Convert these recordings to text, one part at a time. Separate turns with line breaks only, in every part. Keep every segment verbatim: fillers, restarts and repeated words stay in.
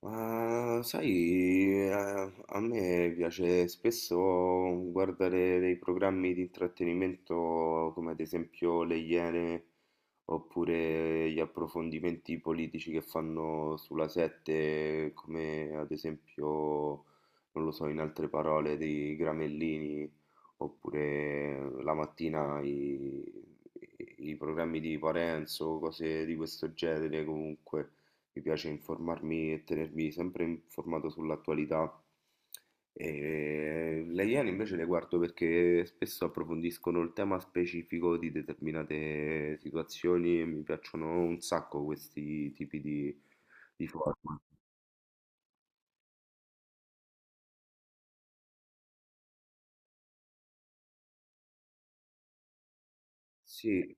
Ma sai, eh, a me piace spesso guardare dei programmi di intrattenimento come ad esempio Le Iene, oppure gli approfondimenti politici che fanno sulla sette, come ad esempio, non lo so, in altre parole, dei Gramellini, oppure la mattina i, i programmi di Parenzo, cose di questo genere comunque. Mi piace informarmi e tenermi sempre informato sull'attualità. E le Iene invece le guardo perché spesso approfondiscono il tema specifico di determinate situazioni e mi piacciono un sacco questi tipi di, di format. Sì,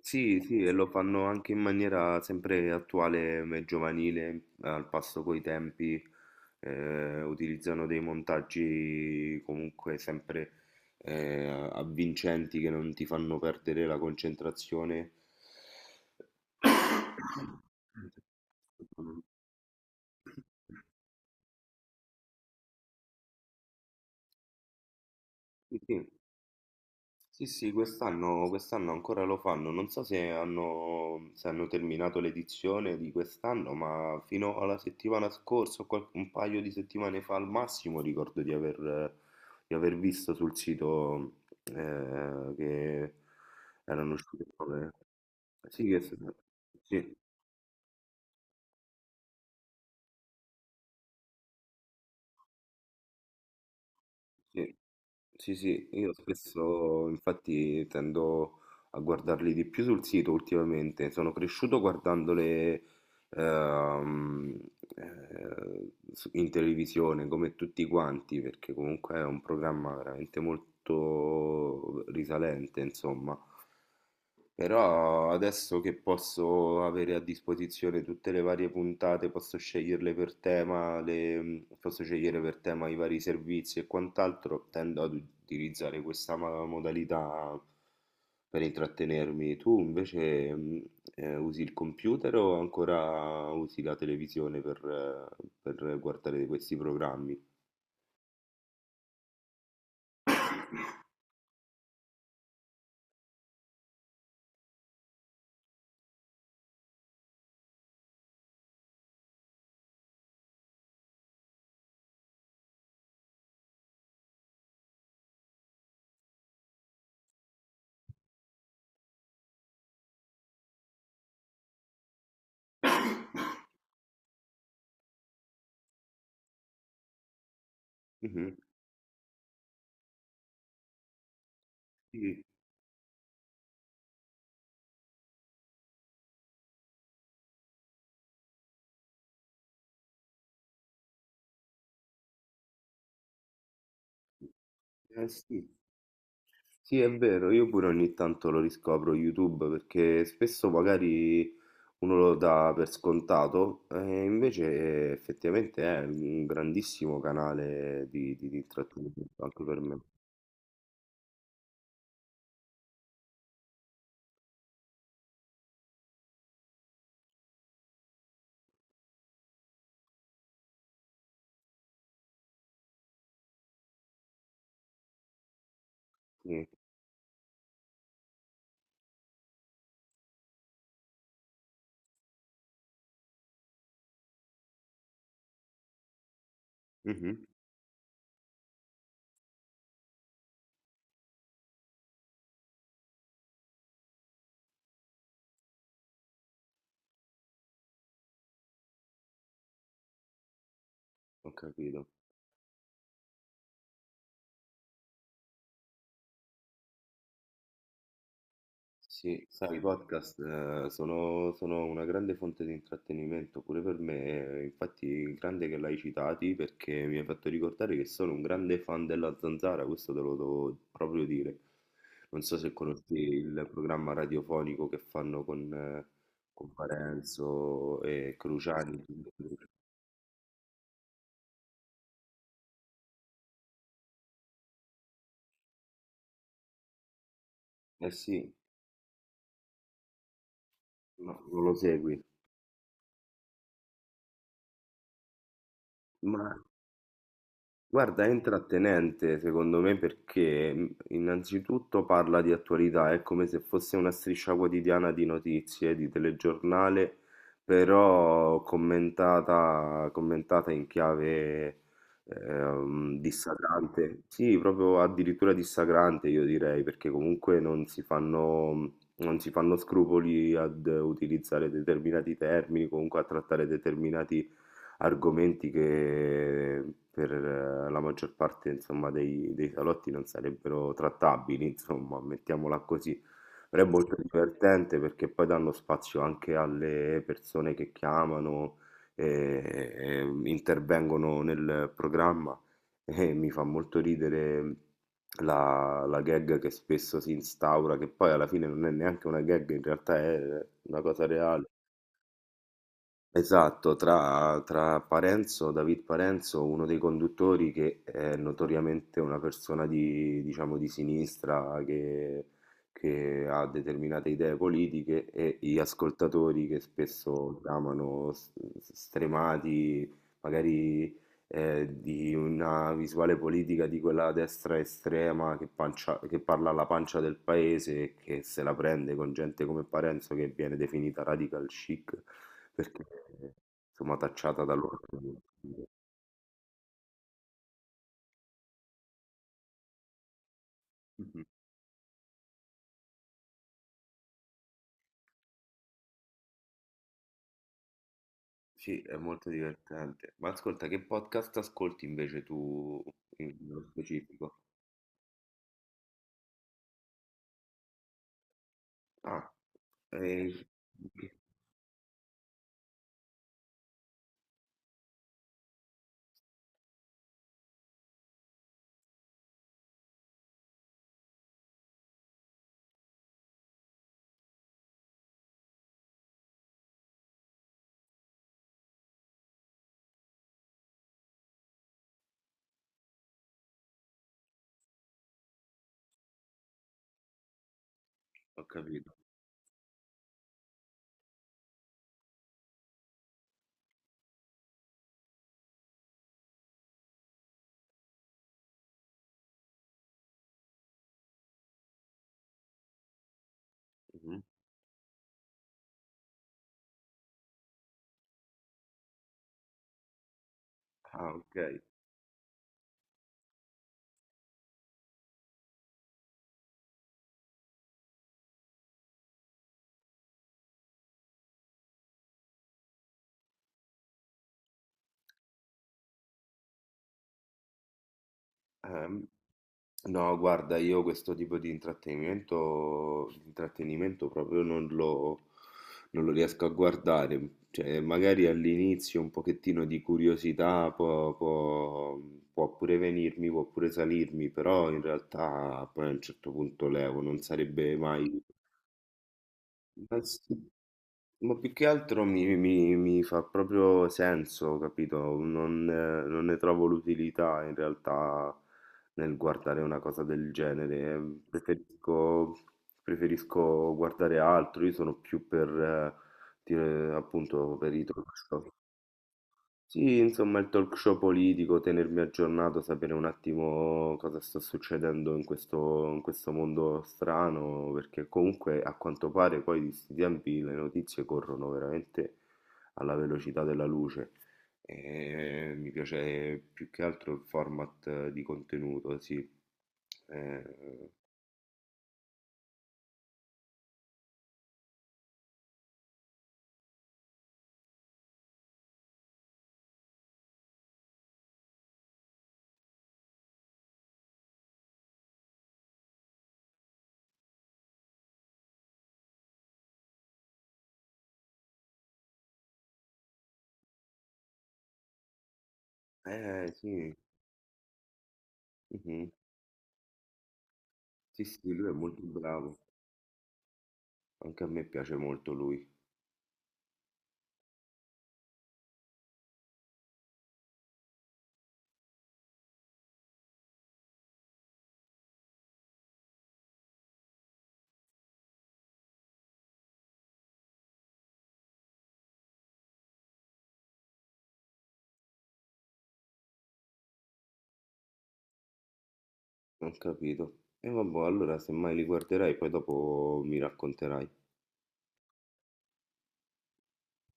sì, sì, e lo fanno anche in maniera sempre attuale e giovanile, al passo coi tempi, eh, utilizzano dei montaggi comunque sempre eh, avvincenti che non ti fanno perdere la concentrazione. Sì, sì. Sì, sì, quest'anno quest'anno ancora lo fanno, non so se hanno, se hanno terminato l'edizione di quest'anno, ma fino alla settimana scorsa, o qual- un paio di settimane fa al massimo, ricordo di aver, di aver visto sul sito eh, che erano uscite nuove. Sì, che, sì, sì, sì, sì, io spesso infatti tendo a guardarli di più sul sito ultimamente, sono cresciuto guardandole ehm, eh, su- in televisione come tutti quanti, perché comunque è un programma veramente molto risalente, insomma. Però adesso che posso avere a disposizione tutte le varie puntate, posso sceglierle per tema, le- mm, posso scegliere per tema i vari servizi e quant'altro, tendo ad utilizzare questa ma- modalità per intrattenermi. Tu invece mm, eh, usi il computer o ancora usi la televisione per, eh, per guardare questi programmi? Mhm. Sì, eh sì. Sì, è vero, io pure ogni tanto lo riscopro YouTube perché spesso magari uno lo dà per scontato e invece effettivamente è un grandissimo canale di, di- di intrattenimento anche per me. Sì. Mhm. Ho capito. Sì, sai, i podcast eh, sono, sono una grande fonte di intrattenimento pure per me, eh, infatti grande che l'hai citati perché mi hai fatto ricordare che sono un grande fan della Zanzara, questo te lo devo proprio dire. Non so se conosci il programma radiofonico che fanno con, eh, con Parenzo e Cruciani. Eh sì, no, non lo segui, ma guarda, è intrattenente secondo me perché mh, innanzitutto parla di attualità, è come se fosse una striscia quotidiana di notizie, di telegiornale, però commentata, commentata in chiave ehm, dissacrante, sì, proprio addirittura dissacrante io direi, perché comunque non si fanno, mm, non si fanno scrupoli ad utilizzare determinati termini, comunque a trattare determinati argomenti che per eh, la maggior parte, insomma, dei, dei salotti non sarebbero trattabili, insomma, mettiamola così. Però è molto divertente perché poi danno spazio anche alle persone che chiamano e, e intervengono nel programma e mi fa molto ridere la, la gag che spesso si instaura, che poi alla fine non è neanche una gag, in realtà è una cosa reale. Esatto, tra, tra Parenzo, David Parenzo, uno dei conduttori che è notoriamente una persona di, diciamo, di sinistra che, che ha determinate idee politiche e gli ascoltatori che spesso chiamano s- s- stremati, magari eh, di una visuale politica di quella destra estrema che, pancia- che parla alla pancia del paese e che se la prende con gente come Parenzo che viene definita radical chic perché eh, insomma tacciata dall'ordine. Mhm. Sì, è molto divertente. Ma ascolta, che podcast ascolti invece tu in- nello specifico? Ah, eh, ho capito. Mhm. Ah, ok. Ehm, no, guarda, io questo tipo di intrattenimento, di intrattenimento proprio non lo, non lo riesco a guardare. Cioè, magari all'inizio un pochettino di curiosità può, può- può pure venirmi, può pure salirmi, però in realtà poi a un certo punto levo, non sarebbe mai... Ma più che altro mi, mi- mi fa proprio senso, capito? Non, eh, non ne trovo l'utilità in realtà nel guardare una cosa del genere. Preferisco, preferisco guardare altro, io sono più per, eh, dire, appunto, per i talk show. Sì, insomma, il talk show politico, tenermi aggiornato, sapere un attimo cosa sta succedendo in questo, in questo mondo strano, perché comunque a quanto pare poi di questi tempi le notizie corrono veramente alla velocità della luce e mi piace più che altro il format eh, di contenuto, sì. Eh, eh, sì, mhm. Sì, sì, lui è molto bravo, anche a me piace molto lui. Ho capito. E vabbò, allora semmai li guarderai poi dopo mi racconterai.